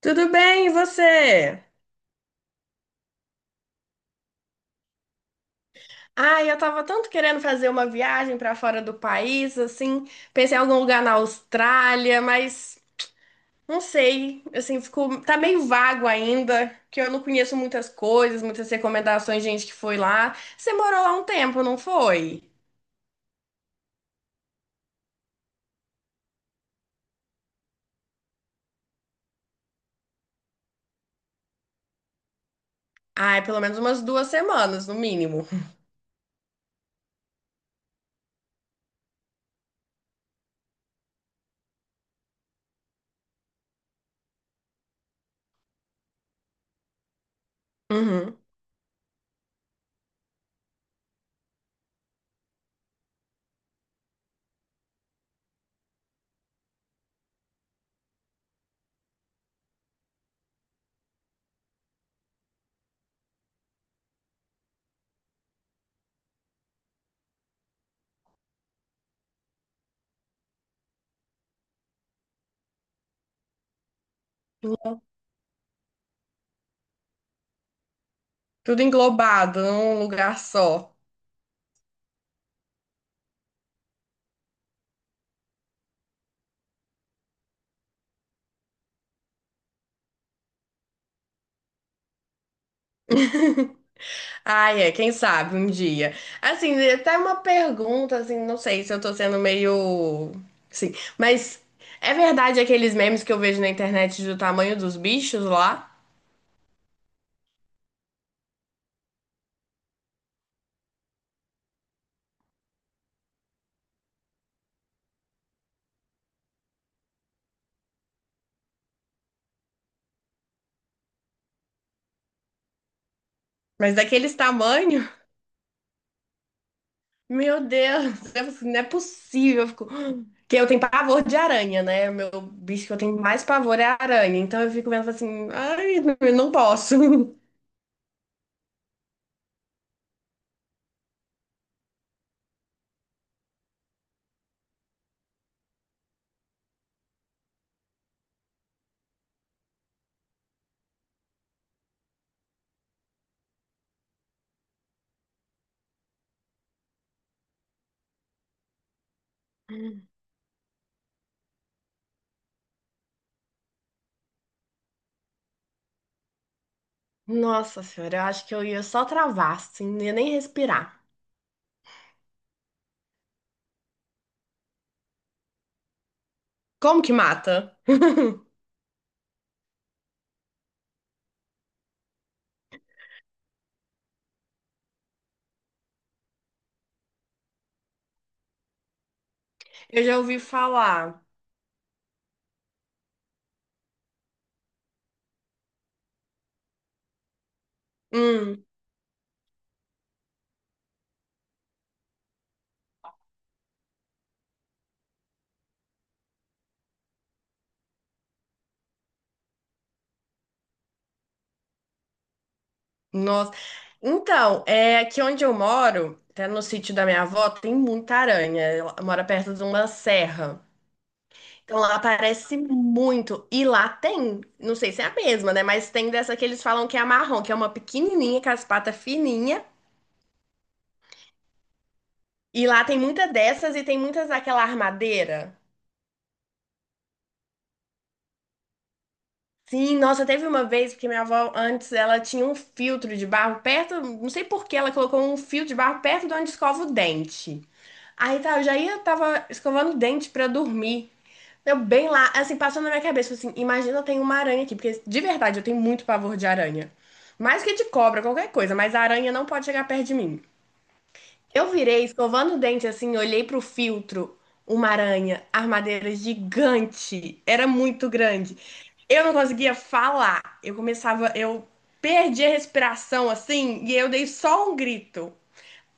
Tudo bem, e você? Ai, eu tava tanto querendo fazer uma viagem pra fora do país, assim, pensei em algum lugar na Austrália, mas não sei, assim, tá meio vago ainda, que eu não conheço muitas coisas, muitas recomendações de gente que foi lá. Você morou lá um tempo, não foi? Ai, pelo menos umas duas semanas, no mínimo. Uhum. Tudo englobado num lugar só. Ai, é, quem sabe um dia. Assim, é até uma pergunta, assim, não sei se eu tô sendo meio. Sim, mas é verdade aqueles memes que eu vejo na internet do tamanho dos bichos lá? Mas daqueles tamanho, meu Deus, eu fico assim, não é possível. Eu fico... Que eu tenho pavor de aranha, né? O meu bicho que eu tenho mais pavor é a aranha. Então eu fico vendo assim, ai, não, eu não posso. Nossa senhora, eu acho que eu ia só travar, assim, não ia nem respirar. Como que mata? Eu já ouvi falar. Hum, nossa. Então, é aqui onde eu moro, até no sítio da minha avó, tem muita aranha. Ela mora perto de uma serra. Então lá aparece muito. E lá tem, não sei se é a mesma, né? Mas tem dessa que eles falam que é a marrom, que é uma pequenininha com as patas fininhas. E lá tem muita dessas e tem muitas daquela armadeira. Sim, nossa, teve uma vez, porque minha avó antes ela tinha um filtro de barro perto, não sei por que ela colocou um fio de barro perto de onde escova o dente. Aí tá, eu já ia, tava escovando o dente pra dormir. Eu bem lá, assim, passou na minha cabeça, assim, imagina, eu tenho uma aranha aqui, porque de verdade eu tenho muito pavor de aranha. Mais que de cobra, qualquer coisa, mas a aranha não pode chegar perto de mim. Eu virei, escovando o dente assim, olhei pro filtro, uma aranha, armadeira gigante, era muito grande. Eu não conseguia falar, eu começava, eu perdi a respiração assim, e eu dei só um grito.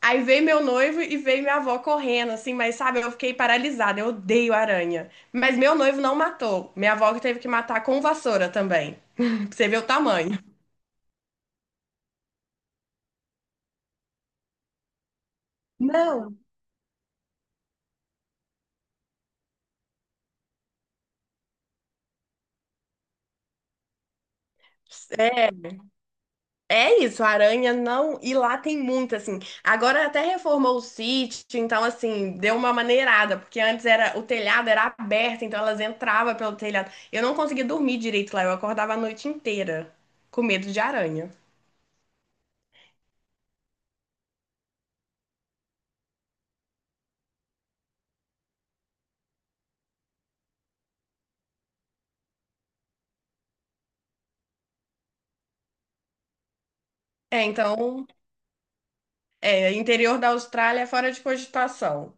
Aí veio meu noivo e veio minha avó correndo, assim, mas sabe, eu fiquei paralisada, eu odeio aranha. Mas meu noivo não matou, minha avó que teve que matar com vassoura também, pra você ver o tamanho. Não. É isso, a aranha não. E lá tem muita, assim. Agora até reformou o sítio, então, assim, deu uma maneirada, porque antes era o telhado era aberto, então elas entravam pelo telhado. Eu não conseguia dormir direito lá, eu acordava a noite inteira com medo de aranha. É, então, é, interior da Austrália é fora de cogitação.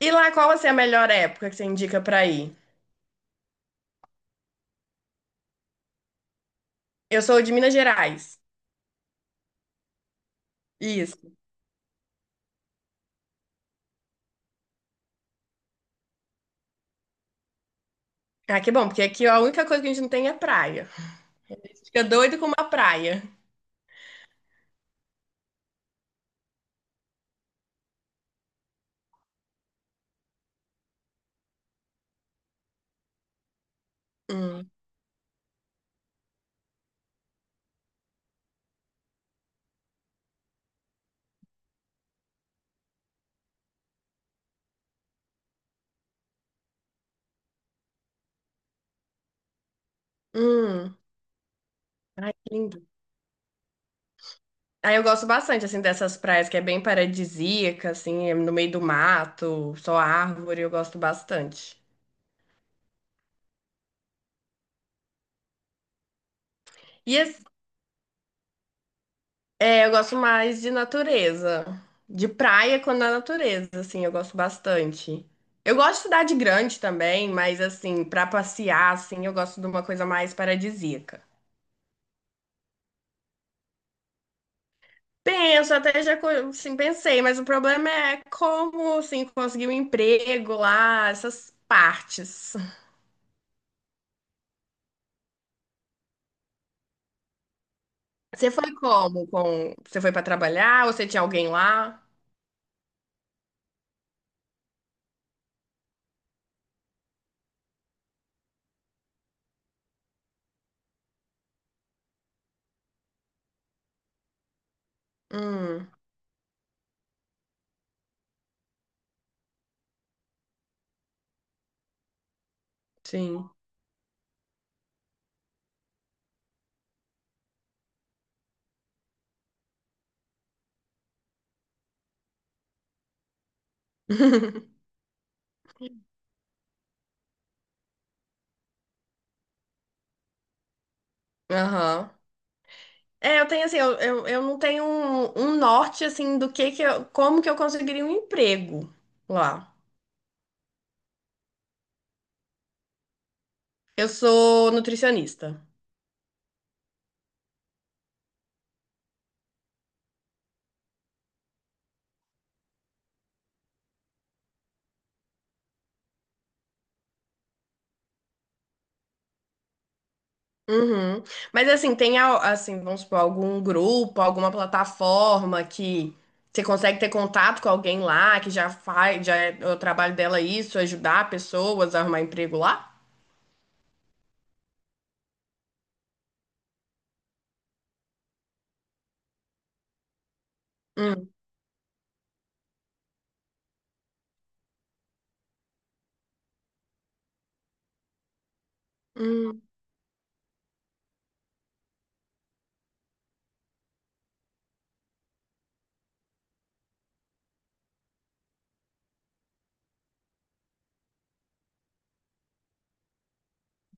E lá, qual assim, é a melhor época que você indica pra ir? Eu sou de Minas Gerais. Isso. Ah, que bom, porque aqui a única coisa que a gente não tem é praia. Fica doido com uma praia. Hum. Hum. Ai, que lindo. Aí eu gosto bastante, assim, dessas praias que é bem paradisíaca, assim, é no meio do mato, só árvore, eu gosto bastante. E as- É, eu gosto mais de natureza, de praia quando a natureza, assim, eu gosto bastante. Eu gosto de cidade grande também, mas, assim, pra passear, assim, eu gosto de uma coisa mais paradisíaca. Penso, até já, assim, pensei, mas o problema é como, assim, conseguir um emprego lá, essas partes. Você foi como? Com... Você foi pra trabalhar? Ou você tinha alguém lá? Hum, sim. Aham. É, eu tenho assim, eu não tenho um norte assim do que eu, como que eu conseguiria um emprego lá. Eu sou nutricionista. Uhum. Mas assim, assim, vamos supor, algum grupo, alguma plataforma que você consegue ter contato com alguém lá que já faz, já é o trabalho dela é isso, ajudar pessoas a arrumar emprego lá? Hum.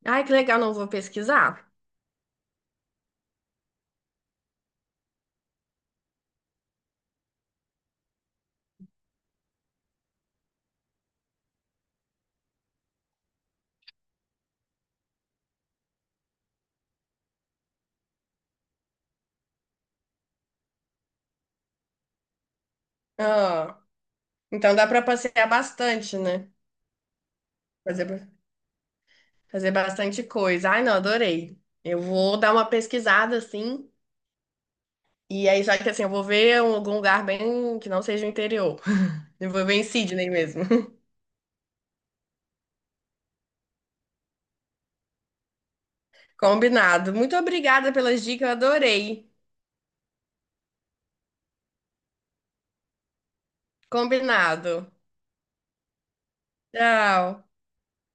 Ai, que legal, não vou pesquisar. Ah, então dá pra passear bastante, né? Fazer, ba- fazer bastante coisa. Ai, não, adorei. Eu vou dar uma pesquisada assim. E aí, só que assim, eu vou ver algum lugar bem que não seja o interior. Eu vou ver em Sydney mesmo. Combinado. Muito obrigada pelas dicas, eu adorei. Combinado. Tchau.